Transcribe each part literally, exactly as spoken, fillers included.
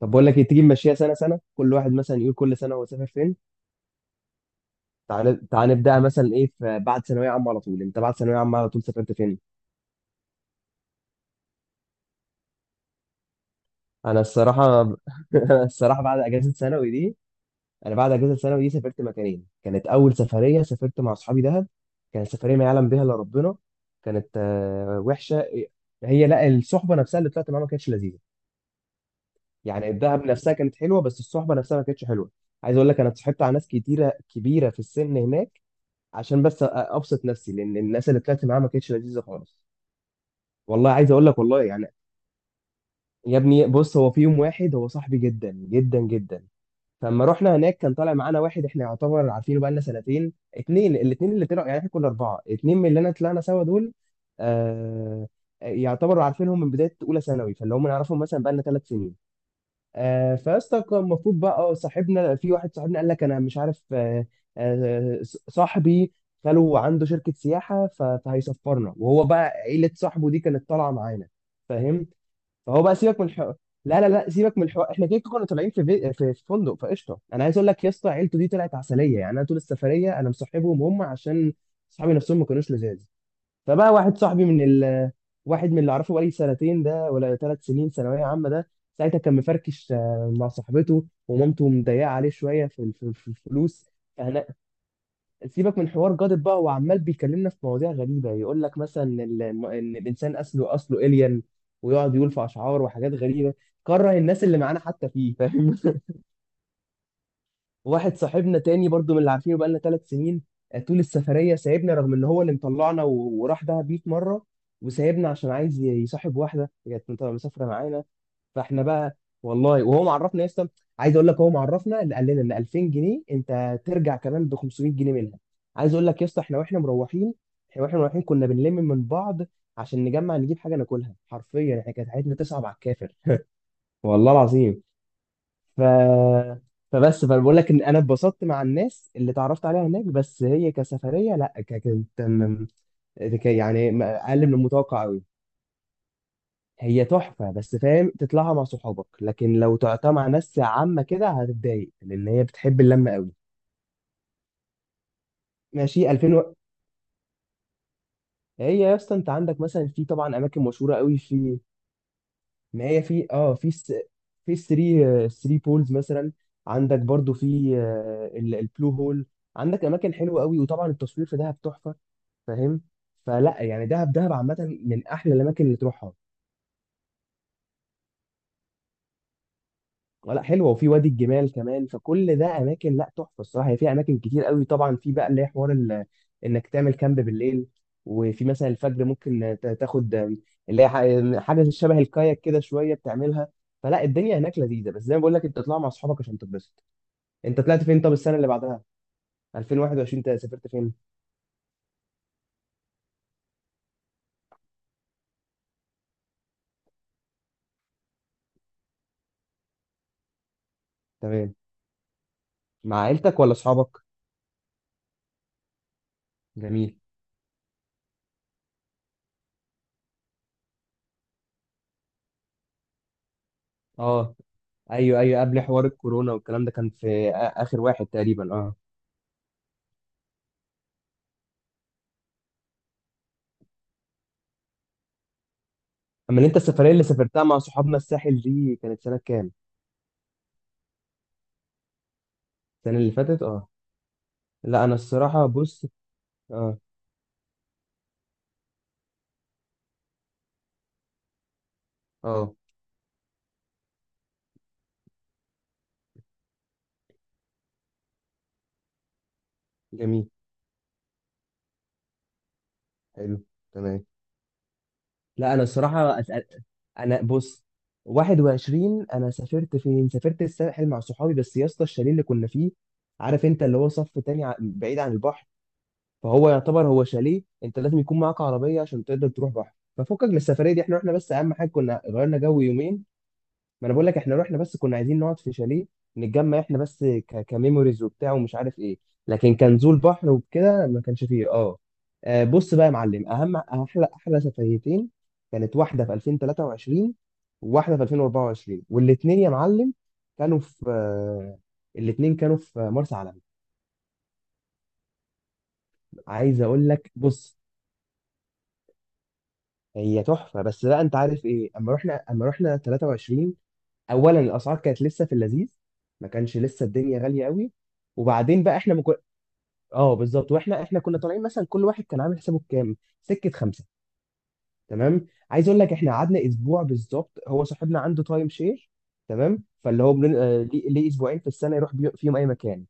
طب بقول لك إيه، تيجي نمشيها سنه سنه، كل واحد مثلا يقول كل سنه هو سافر فين. تعال تعال نبداها. مثلا ايه، في بعد ثانويه عامه على طول، انت بعد ثانويه عامه على طول سافرت فين؟ انا الصراحه أنا الصراحه بعد اجازه ثانوي دي، انا بعد اجازه ثانوي دي سافرت مكانين. كانت اول سفريه سافرت مع اصحابي دهب. كانت سفريه ما يعلم بها الا ربنا. كانت آه، وحشه. هي لا، الصحبه نفسها اللي طلعت معاها ما كانتش لذيذه. يعني الدهب نفسها كانت حلوه، بس الصحبه نفسها ما كانتش حلوه. عايز اقول لك، انا اتصاحبت على ناس كتيره كبيره في السن هناك عشان بس أ- ابسط نفسي، لان الناس اللي طلعت معاه ما كانتش لذيذه خالص. والله عايز اقول لك، والله يعني. يا ابني بص، هو في يوم واحد هو صاحبي جدا جدا جدا، فلما رحنا هناك كان طالع معانا واحد احنا يعتبر عارفينه بقالنا سنتين. اتنين، الاتنين اللي طلعوا يعني، احنا كنا اربعه، اتنين من اللي انا طلعنا سوا دول. آه. يعتبروا عارفينهم من بدايه اولى ثانوي، فاللي هم نعرفهم مثلا بقالنا ثلاث سنين. آه، فيسطا كان المفروض بقى آه، صاحبنا في واحد صاحبنا قال لك انا مش عارف، آه، آه، صاحبي خاله عنده شركة سياحة ف- فهيسفرنا. وهو بقى عيلة صاحبه دي كانت طالعة معانا، فاهم؟ فهو بقى سيبك من الحوار. لا لا لا، سيبك من الحوار، احنا كده كده كنا طالعين في في في فندق، فقشطه. انا عايز اقول لك يا اسطى، عيلته دي طلعت عسليه، يعني انا طول السفريه انا مصاحبهم هم عشان صحابي نفسهم ما كانوش لذاذ. فبقى واحد صاحبي من ال واحد من اللي اعرفه بقالي سنتين ده، ولا ثلاث سنين ثانويه عامه ده، ساعتها كان مفركش، آه، مع صاحبته، ومامته مضيقه عليه شويه في ال- في في الفلوس. انا سيبك من حوار جادب بقى، هو عمال بيكلمنا في مواضيع غريبه، يقول لك مثلا ان ال- إن الانسان اصله اصله الين، ويقعد يقول في اشعار وحاجات غريبه. كره الناس اللي معانا حتى فيه، فاهم؟ واحد صاحبنا تاني برضو من اللي عارفينه بقالنا ثلاث سنين، آه، طول السفرية سايبنا، رغم ان هو اللي مطلعنا و- وراح دهب ميت مرة، وسايبنا عشان عايز ي- يصاحب واحدة كانت مط- مسافرة معانا. فاحنا بقى، والله وهو معرفنا يا اسطى. عايز اقول لك، هو معرفنا اللي قال لنا ان الفين جنيه انت ترجع كمان ب خمسميت جنيه منها. عايز اقول لك يا اسطى، احنا واحنا مروحين، احنا واحنا مروحين كنا بنلم من بعض عشان نجمع نجيب حاجة ناكلها. حرفيا احنا كانت حياتنا تصعب على الكافر. والله العظيم. ف فبس فبقول لك، ان انا اتبسطت مع الناس اللي اتعرفت عليها هناك، بس هي كسفريه، لا، ك- كانت م- ك- يعني م- اقل من المتوقع قوي. هي تحفه بس، فاهم، تطلعها مع صحابك، لكن لو طلعتها مع ناس عامه كده هتتضايق، لان هي بتحب اللمه قوي. ماشي. الفين و... هي يا اسطى انت عندك مثلا، في طبعا اماكن مشهوره قوي في، ما هي في، اه في س... في ثري ثري بولز مثلا. عندك برضو في البلو هول. عندك اماكن حلوه قوي، وطبعا التصوير في دهب تحفه، فاهم؟ فلا يعني، دهب دهب عامه من احلى الاماكن اللي تروحها. لا حلوه، وفي وادي الجمال كمان، فكل ده اماكن لا تحفه الصراحه. هي في اماكن كتير قوي، طبعا في بقى اللي هي حوار ال- انك تعمل كامب بالليل. وفي مثلا الفجر ممكن ت- تاخد اللي هي ح- حاجه شبه الكاياك كده شويه بتعملها. فلا، الدنيا هناك لذيذه، بس زي ما بقول لك انت تطلع مع اصحابك عشان تتبسط. انت طلعت فين؟ طب السنه اللي بعدها، الفين وواحد وعشرين، انت سافرت فين؟ تمام. مع عيلتك ولا اصحابك؟ جميل. اه. ايوه ايوه، قبل حوار الكورونا والكلام ده، كان في آ- اخر واحد تقريبا، اه. اما انت السفريه اللي سافرتها مع صحابنا الساحل دي، كانت سنه كام؟ السنه اللي فاتت، اه. لا انا الصراحه بص، اه، اه، جميل، حلو، تمام. لا انا الصراحه أسأل... انا بص، واحد وعشرين انا سافرت فين؟ سافرت الساحل مع صحابي، بس يا اسطى الشاليه اللي كنا فيه، عارف انت اللي هو صف تاني، ع- بعيد عن البحر. فهو يعتبر هو شاليه انت لازم يكون معاك عربيه عشان تقدر تروح بحر، ففكك من السفريه دي، احنا رحنا بس اهم حاجه كنا غيرنا جو يومين. ما انا بقول لك احنا رحنا بس كنا عايزين نقعد في شاليه نتجمع احنا بس، ك... كميموريز وبتاع ومش عارف ايه. لكن كان نزول بحر وكده ما كانش فيه، اه. آه، بص بقى يا معلم، اهم احلى احلى سفريتين كانت واحده في الفين وثلاثة وعشرين، وواحده في الفين واربعة وعشرين، والاثنين يا معلم كانوا في آه، الاثنين كانوا في مرسى علم. عايز اقول لك بص، هي تحفه. بس بقى انت عارف ايه، اما رحنا اما رحنا ثلاثة وعشرين، اولا الاسعار كانت لسه في اللذيذ، ما كانش لسه الدنيا غاليه قوي. وبعدين بقى احنا مكو... اه بالظبط، واحنا احنا كنا طالعين مثلا كل واحد كان عامل حسابه بكام؟ سكه خمسه. تمام. عايز اقول لك، احنا قعدنا اسبوع بالظبط. هو صاحبنا عنده تايم شير، تمام، فاللي هو بن... آه، ليه ليه اسبوعين في السنه يروح بي... فيهم اي مكان.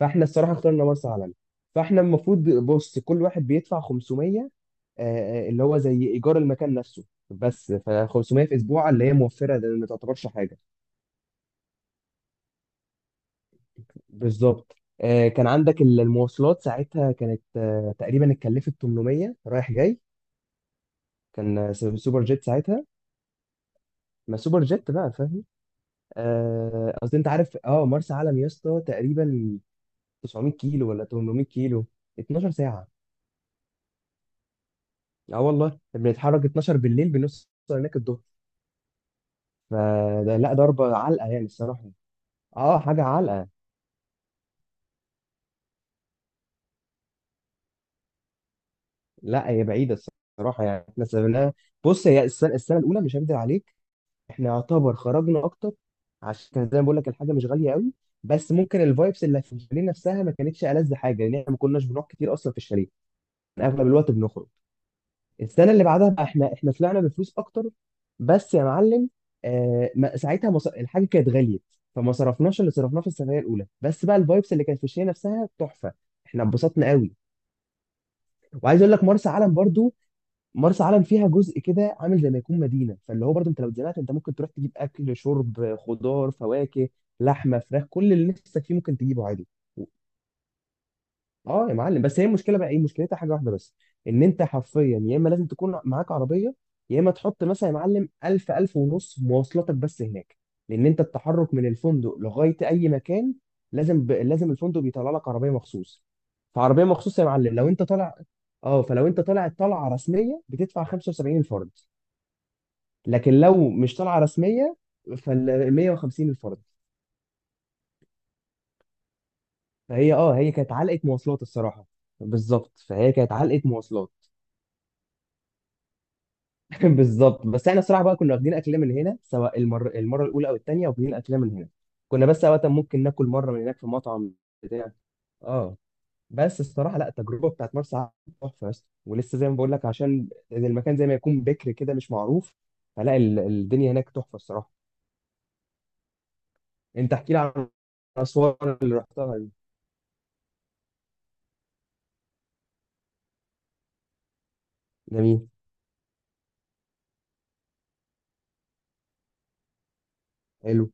فاحنا الصراحه اخترنا مرسى علم. فاحنا المفروض ب- بص، كل واحد بيدفع خمسمية، آه، آه، اللي هو زي ايجار المكان نفسه، بس ف خمسميه في اسبوع اللي هي موفره ده، ما تعتبرش حاجه. بالظبط. آه، كان عندك ال- المواصلات، ساعتها كانت آه، تقريبا اتكلفت تمنميه رايح جاي. كان آه، سو- سوبر جيت ساعتها. ما سوبر جيت بقى، فاهم. آه، قصدي انت عارف، اه، مرسى علم يا اسطى تقريبا تسعمائة كيلو ولا ثمانمائة كيلو، اتناشر ساعه. اه والله بنتحرك اتناشر بالليل بنوصل هناك الظهر. فده لا ضربة علقة يعني الصراحة. اه حاجة علقة. لا هي بعيدة الصراحة. يعني احنا سافرناها، بص هي السنة، السنة الأولى، مش هكدب عليك، احنا يعتبر خرجنا أكتر، عشان كان زي ما بقول لك الحاجة مش غالية قوي، بس ممكن الفايبس اللي في الشاليه نفسها ما كانتش ألذ حاجة، لأن احنا ما كناش بنروح كتير أصلا في الشاليه، كان أغلب الوقت بنخرج. السنه اللي بعدها بقى، احنا احنا طلعنا بفلوس اكتر، بس يا معلم، آه ما- ساعتها مص... الحاجه كانت غليت، فما صرفناش اللي صرفناه في السفريه الاولى، بس بقى الفايبس اللي كانت في الشيء نفسها تحفه، احنا اتبسطنا قوي. وعايز اقول لك، مرسى علم برضو، مرسى علم فيها جزء كده عامل زي ما يكون مدينه، فاللي هو برضو انت لو اتزنقت انت ممكن تروح تجيب اكل، شرب، خضار، فواكه، لحمه، فراخ، كل اللي نفسك فيه ممكن تجيبه عادي. اه يا معلم. بس هي المشكله بقى ايه، مشكلتها حاجه واحده بس، ان انت حرفيا يا اما لازم تكون معاك عربيه، يا اما تحط مثلا يا معلم الف الف ونص مواصلاتك بس هناك، لان انت التحرك من الفندق لغايه اي مكان، لازم ب... لازم الفندق بيطلع لك عربيه مخصوص. فعربيه مخصوص يا معلم، لو انت طالع، اه، فلو انت طالع طلعه رسميه، بتدفع خمسة وسبعين الفرد. لكن لو مش طالعه رسميه، فال ميه وخمسين الفرد. فهي اه، هي كانت علقه مواصلات الصراحه. بالظبط، فهي كانت علقه مواصلات. بالظبط. بس احنا الصراحه بقى كنا واخدين اكلنا من هنا، سواء المره المره الاولى او الثانيه، واخدين اكلنا من هنا. كنا بس اوقات ممكن ناكل مره من هناك في مطعم بتاع، اه. بس الصراحه لا، التجربه بتاعت مرسى علم تحفه يا اسطى، ولسه زي ما بقول لك عشان المكان زي ما يكون بكر كده مش معروف، فلا، ال- الدنيا هناك تحفه الصراحه. انت احكي لي عن اسوان اللي رحتها دي. جميل. حلو.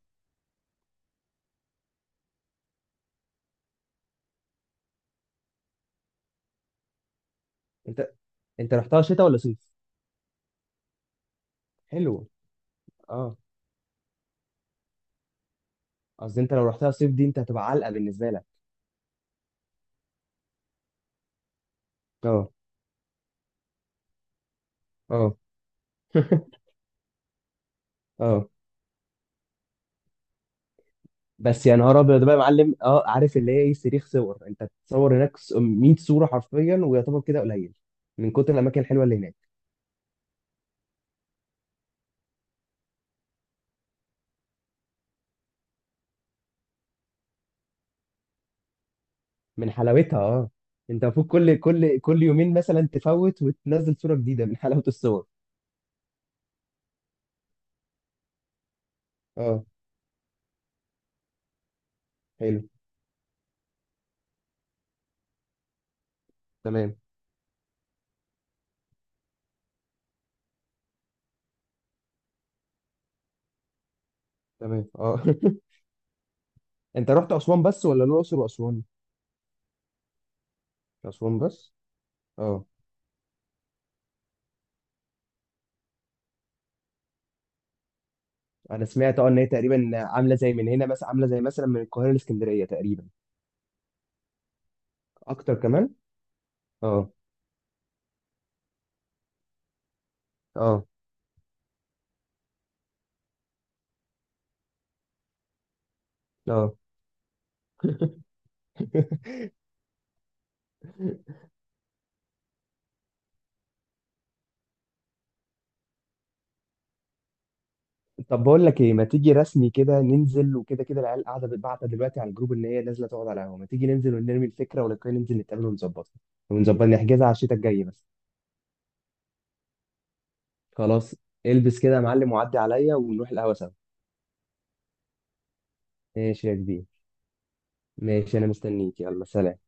انت انت رحتها شتاء ولا صيف؟ حلو. اه. قصدي انت لو رحتها صيف دي، انت هتبقى علقه بالنسبه لك. اه. اه. اه. بس يا نهار ابيض بقى يا معلم، اه، عارف اللي هي ايه، صريخ صور، انت بتصور هناك ص- مية صوره حرفيا، ويعتبر كده قليل من كتر الاماكن الحلوه اللي هناك. من حلاوتها، اه. انت المفروض كل كل كل يومين مثلا تفوت وتنزل صوره جديده، من حلاوه الصور. اه. حلو. تمام. تمام اه. انت رحت اسوان بس ولا الاقصر واسوان؟ اسوان بس. اه. انا سمعت، اه، ان هي تقريبا عامله زي من هنا مثلا، عامله زي مثلا من القاهره لاسكندريه تقريبا. اكتر كمان. اه اه اه. طب بقول لك ايه، ما تيجي رسمي كده ننزل، وكده كده العيال قاعده بتبعت دلوقتي على الجروب ان هي نازله تقعد على القهوه، ما تيجي ننزل ونرمي الفكره، ولو كده ننزل نتقابل ونظبطها، ونظبط نحجزها على الشتاء الجاي بس. خلاص. البس كده يا معلم وعدي عليا ونروح القهوه سوا. ماشي يا كبير. ماشي، انا مستنيك، يلا سلام.